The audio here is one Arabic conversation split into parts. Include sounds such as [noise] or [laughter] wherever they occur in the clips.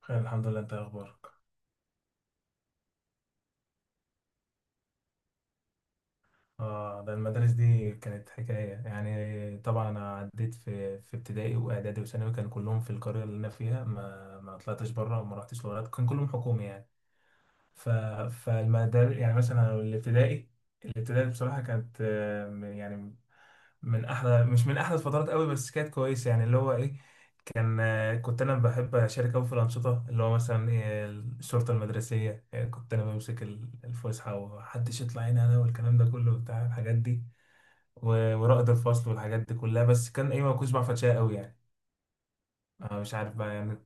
خير الحمد لله. انت ايه اخبارك؟ اه، ده المدارس دي كانت حكايه يعني. طبعا انا عديت في ابتدائي واعدادي وثانوي، كان كلهم في القريه اللي انا فيها، ما طلعتش بره وما رحتش لغات، كان كلهم حكومي يعني. ف فالمدار يعني مثلا الابتدائي، بصراحه كانت يعني من احلى، مش من احلى الفترات قوي، بس كانت كويسه يعني، اللي هو ايه. كان كنت انا بحب اشارك قوي في الانشطه، اللي هو مثلا إيه، الشرطه المدرسيه. إيه، كنت انا بمسك الفسحه ومحدش يطلع هنا انا، والكلام ده كله بتاع الحاجات دي، ورائد الفصل والحاجات دي كلها. بس كان ايه، ما كنتش بعرف اتشقى قوي يعني. أنا مش عارف بقى يعني.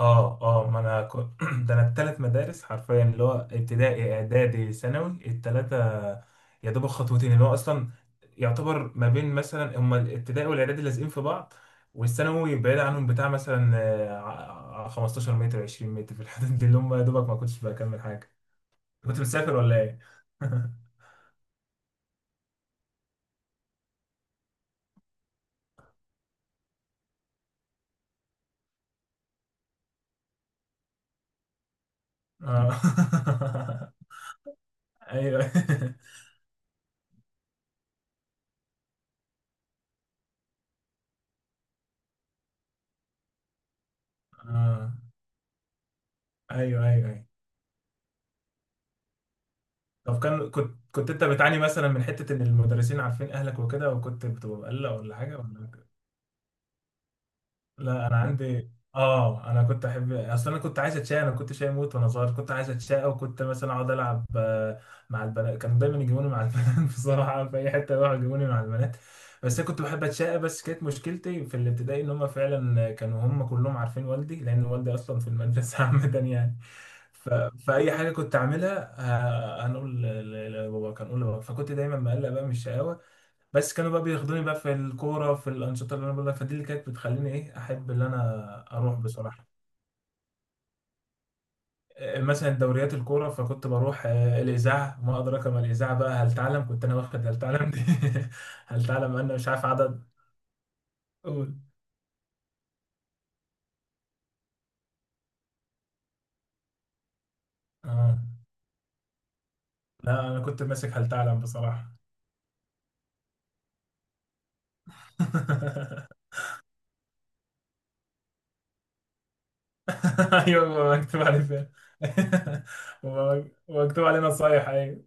اه اه، ما انا كنت [clears throat] ده انا التلات مدارس حرفيا، اللي هو ابتدائي اعدادي ثانوي، التلاتة يا دوب خطوتين، اللي هو اصلا يعتبر ما بين مثلا هما الابتدائي والاعدادي لازقين في بعض، والثانوي بعيد عنهم بتاع مثلا 15 متر 20 متر في الحدود دي، اللي هم يا دوبك ما كنتش بكمل حاجة. كنت مسافر ولا ايه؟ [laughs] اه [laughs] ايوه [laughs] اه، ايوه ايوه ايوه. طب كان كنت انت بتعاني مثلا من حتة ان المدرسين عارفين اهلك وكده، وكنت بتبقى مقلق ولا حاجة ولا؟ لا انا عندي، اه، انا كنت احب، اصل انا كنت عايز اتشقى، انا كنت شقي موت وانا صغير، كنت عايز اتشقى، وكنت مثلا اقعد العب مع البنات، كانوا دايما يجيبوني مع البنات [laughs] بصراحه في اي حته يروحوا يجيبوني مع البنات، بس انا كنت بحب اتشقى. بس كانت مشكلتي في الابتدائي ان هم فعلا كانوا هم كلهم عارفين والدي، لان والدي اصلا في المدرسه [laughs] عامه يعني. ف... فاي حاجه كنت اعملها هنقول لبابا، كان اقول لبابا، فكنت دايما مقلق بقى من الشقاوه. بس كانوا بقى بياخدوني بقى في الكورة، في الأنشطة اللي أنا بقول لك، فدي اللي كانت بتخليني إيه أحب اللي أنا أروح بصراحة. مثلا دوريات الكورة، فكنت بروح الإذاعة، ما أدراك ما الإذاعة بقى، هل تعلم، كنت أنا واخد هل تعلم دي [laughs] هل تعلم، أنا مش عارف عدد. قول. آه. لا أنا كنت ماسك هل تعلم بصراحة [laughs] أيوة بقى، مكتوب عليه فين؟ [laughs] ومكتوب عليه نصايح، أيوة.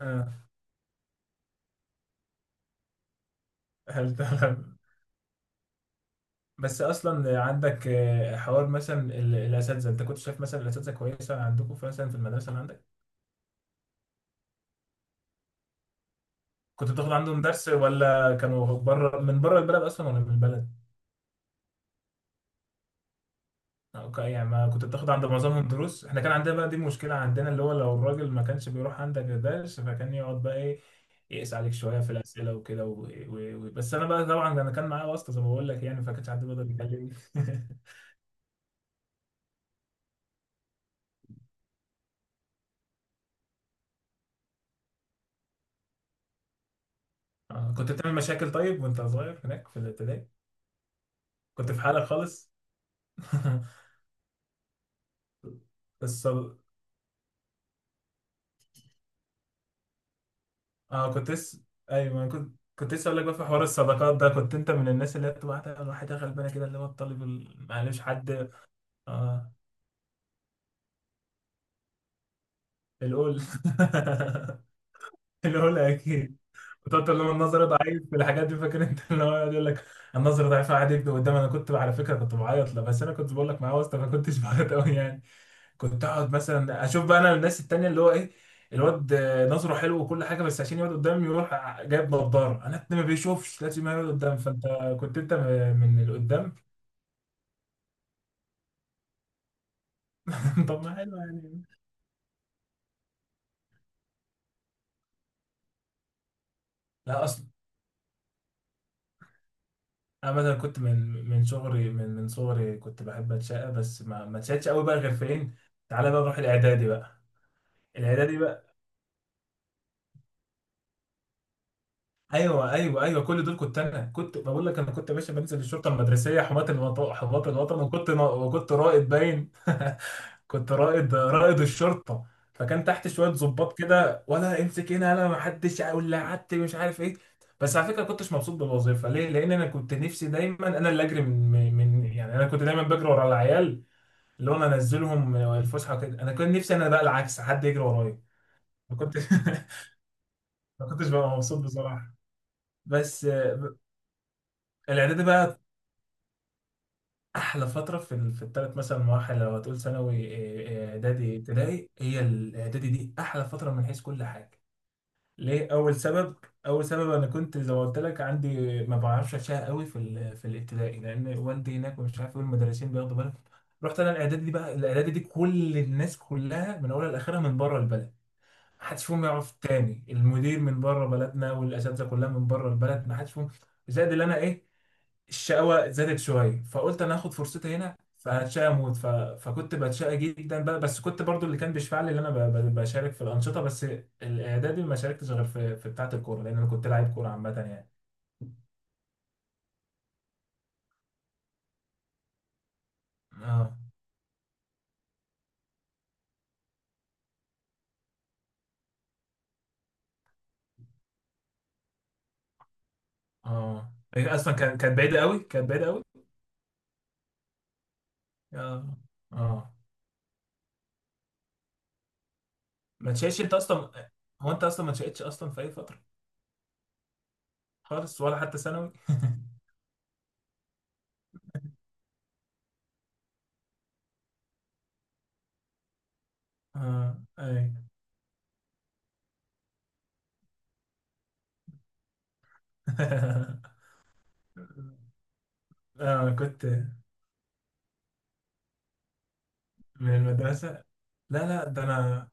آه، هل تعلم. بس اصلا عندك حوار مثلا الاساتذه، انت كنت شايف مثلا الاساتذه كويسه عندكم مثلا في المدرسه اللي عندك؟ كنت بتاخد عندهم درس ولا كانوا بره من بره البلد اصلا ولا من البلد؟ أو يعني ما كنت بتاخد عند معظمهم دروس. احنا كان عندنا بقى دي مشكله عندنا، اللي هو لو الراجل ما كانش بيروح عندك درس فكان يقعد بقى ايه، يقيس عليك شويه في الاسئله وكده بس انا بقى طبعا انا كان معايا واسطه زي ما بقول لك يعني، فكانش حد بيقدر يكلمني [laughs] كنت بتعمل مشاكل طيب وانت صغير هناك في الابتدائي؟ كنت في حالك خالص؟ [laughs] الصد... اه كنت لسه، ايوه ما كنت، كنت لسه اقول لك بقى في حوار الصداقات ده، كنت انت من الناس اللي هي بتبقى تعمل واحده غلبانه كده، اللي هو الطالب معلش حد، اه، القول [laughs] القول اكيد. وتقعد تقول لهم النظر ضعيف في الحاجات دي، فاكر؟ انت اللي هو يقعد يقول لك النظر ضعيف قاعد يكتب قدام. انا كنت على فكره كنت بعيط له، بس انا كنت بقول لك معاه واسطه، ما كنتش [laughs] بعيط قوي يعني. كنت اقعد مثلا اشوف بقى انا الناس التانية، اللي هو ايه، الواد نظره حلو وكل حاجه، بس عشان يقعد قدام يروح جايب نضاره، انا ما بيشوفش لازم يقعد قدام. فانت كنت انت من اللي قدام. [laughs] طب ما حلو يعني. لا اصلا انا مثلا كنت من صغري، من صغري كنت بحب اتشقى، بس ما اتشقتش قوي بقى غير فين. تعالى بقى نروح الاعدادي بقى. الاعدادي بقى، ايوه ايوه ايوه كل دول كنت انا. كنت بقول لك، انا كنت يا باشا بنزل الشرطه المدرسيه، حماة الوطن، حماة الوطن، وكنت رائد باين [laughs] كنت رائد، الشرطه، فكان تحت شويه ضباط كده، ولا امسك هنا انا ما حدش ولا قعدت مش عارف ايه. بس على فكره ما كنتش مبسوط بالوظيفه. ليه؟ لان انا كنت نفسي دايما انا اللي اجري يعني انا كنت دايما بجري ورا العيال، اللي هو انا انزلهم الفسحه كده، انا كنت نفسي انا بقى العكس حد يجري ورايا. ما كنتش [laughs] ما كنتش ببقى مبسوط بصراحه. بس الاعدادي بقى احلى فتره في في الثلاث مثلا مراحل، لو هتقول ثانوي اعدادي ابتدائي، هي الاعدادي دي احلى فتره من حيث كل حاجه. ليه؟ اول سبب، اول سبب انا كنت زي ما قلت لك عندي ما بعرفش اشياء قوي في في الابتدائي لان والدي هناك ومش عارف ايه، المدرسين بياخدوا بالهم. رحت انا الاعدادي دي بقى، الاعدادي دي كل الناس كلها من اولها لاخرها من بره البلد، ما حدش فيهم يعرف التاني، المدير من بره بلدنا والاساتذه كلها من بره البلد، ما حدش فيهم. زائد اللي انا ايه، الشقاوة زادت شوية، فقلت أنا هاخد فرصتي هنا فهتشقى أموت. فكنت بتشقى جدا بقى. بس كنت برضو اللي كان بيشفع لي إن أنا بشارك في الأنشطة. بس الإعدادي ما شاركتش غير في بتاعة الكورة، لأن أنا كنت لاعب كورة عامة يعني. آه. آه، هي أصلا كانت، كانت بعيدة أوي، كانت بعيدة أوي. آه. آه، ما تشقتش أنت أصلا؟ هو أنت أصلا ما تشقتش أصلا في أي فترة خالص؟ ولا حتى ثانوي؟ [laughs] آه، أي [laughs] آه كنت من المدرسة، لا لا ده أنا.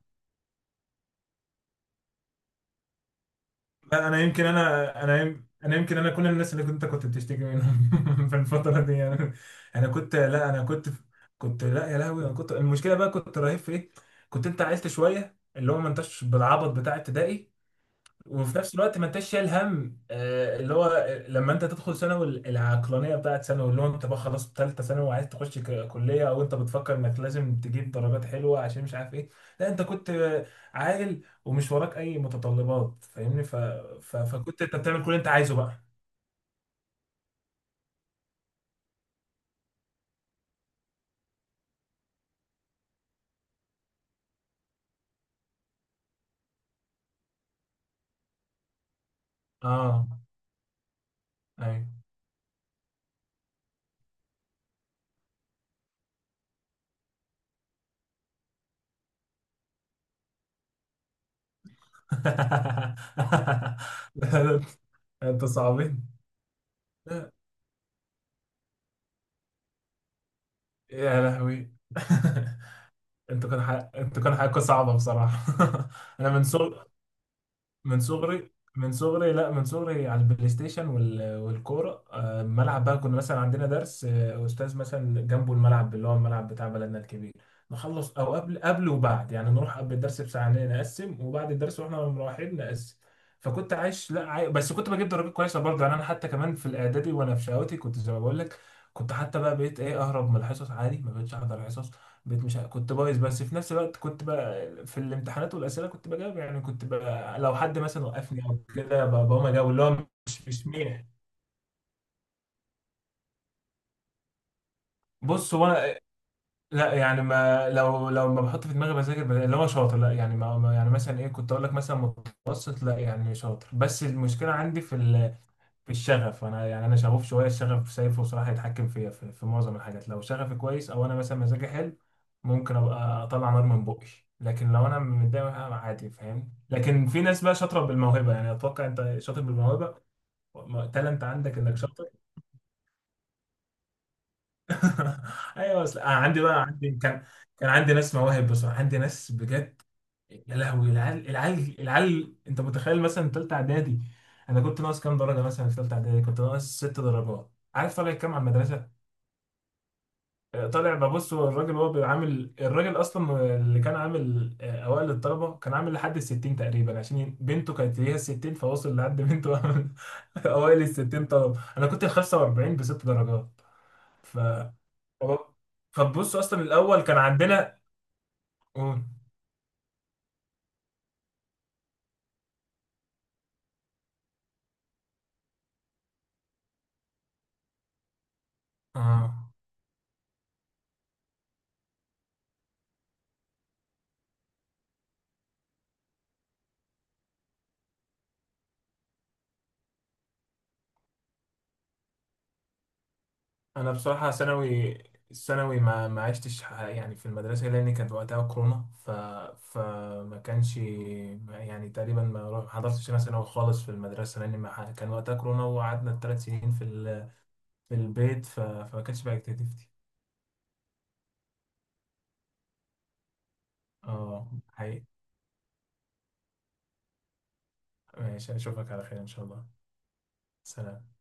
لا انا يمكن، انا انا يم- انا يمكن انا كل الناس اللي كنت كنت بتشتكي منهم [laughs] في الفتره دي انا، انا كنت لا يا لهوي انا كنت، المشكله بقى كنت رهيب في ايه، كنت انت عيلت شويه اللي هو ما انتش بالعبط بتاع ابتدائي، وفي نفس الوقت ما انتش شايل هم اللي هو لما انت تدخل ثانوي العقلانيه بتاعت ثانوي، اللي هو انت بقى خلاص ثالثه ثانوي وعايز تخش كليه، او انت بتفكر انك لازم تجيب درجات حلوه عشان مش عارف ايه. لا انت كنت عاقل ومش وراك اي متطلبات، فاهمني؟ فكنت انت بتعمل كل اللي انت عايزه بقى. اه ايوه [laughs] انت صعبين، يا لهوي [laughs] انتوا كان انتوا كان حقكم صعبه بصراحه [laughs] انا من صغر، من صغري، من صغري لا، من صغري على البلاي ستيشن والكوره. الملعب بقى، كنا مثلا عندنا درس، استاذ مثلا جنبه الملعب، اللي هو الملعب بتاع بلدنا الكبير، نخلص او قبل وبعد يعني، نروح قبل الدرس بساعه نقسم، وبعد الدرس واحنا مروحين نقسم. فكنت عايش لا بس كنت بجيب درجات كويسه برضه يعني. انا حتى كمان في الاعدادي وانا في شهوتي كنت زي ما بقول لك، كنت حتى بقى بقيت ايه، اهرب من الحصص عادي، ما بقتش احضر حصص. بقيت مش كنت بايظ، بس في نفس الوقت كنت بقى في الامتحانات والاسئله كنت بجاوب يعني، كنت بقى لو حد مثلا وقفني او كده بقوم اجاوب، اللي هو مش مين. بص هو انا، لا يعني ما، لو ما بحط في دماغي بذاكر اللي هو شاطر، لا يعني يعني مثلا ايه، كنت اقول لك مثلا متوسط، لا يعني شاطر، بس المشكله عندي في الشغف انا، يعني انا شغوف شويه، الشغف شايفه صراحه يتحكم فيا في معظم الحاجات، لو شغفي كويس او انا مثلا مزاجي حلو ممكن ابقى اطلع نار من بقي. لكن لو انا متضايق أنا عادي، فاهم؟ لكن في ناس بقى شاطره بالموهبه يعني. اتوقع انت شاطر بالموهبه، تالنت عندك انك شاطر. [laughs] ايوه، بس أنا عندي بقى، عندي كان كان عندي ناس مواهب بصراحه، عندي ناس بجد يا لهوي. العيال انت متخيل مثلا ثالثه اعدادي، انا كنت ناقص كام درجه، مثلا في ثالثه اعدادي كنت ناقص ست درجات. عارف طالع كام على المدرسه؟ طالع، ببص هو الراجل هو بيبقى عامل، الراجل اصلا اللي كان عامل اوائل الطلبه كان عامل لحد ال 60 تقريبا، عشان بنته كانت ليها 60، فوصل لحد بنته [laughs] اوائل ال 60 طلبه انا كنت ال 45 بست درجات. تمام. فبص اصلا الاول كان عندنا. قول. اه، انا بصراحه ثانوي، الثانوي ما عشتش يعني في المدرسه، لان كانت وقتها كورونا. ف فما كانش ما- يعني تقريبا ما حضرتش انا ثانوي خالص في المدرسه، لان ما ح- كان وقتها كورونا، وقعدنا الثلاث سنين في البيت. فما كانش بقى اكتيفيتي. اه حقيقي. ماشي، اشوفك على خير ان شاء الله. سلام.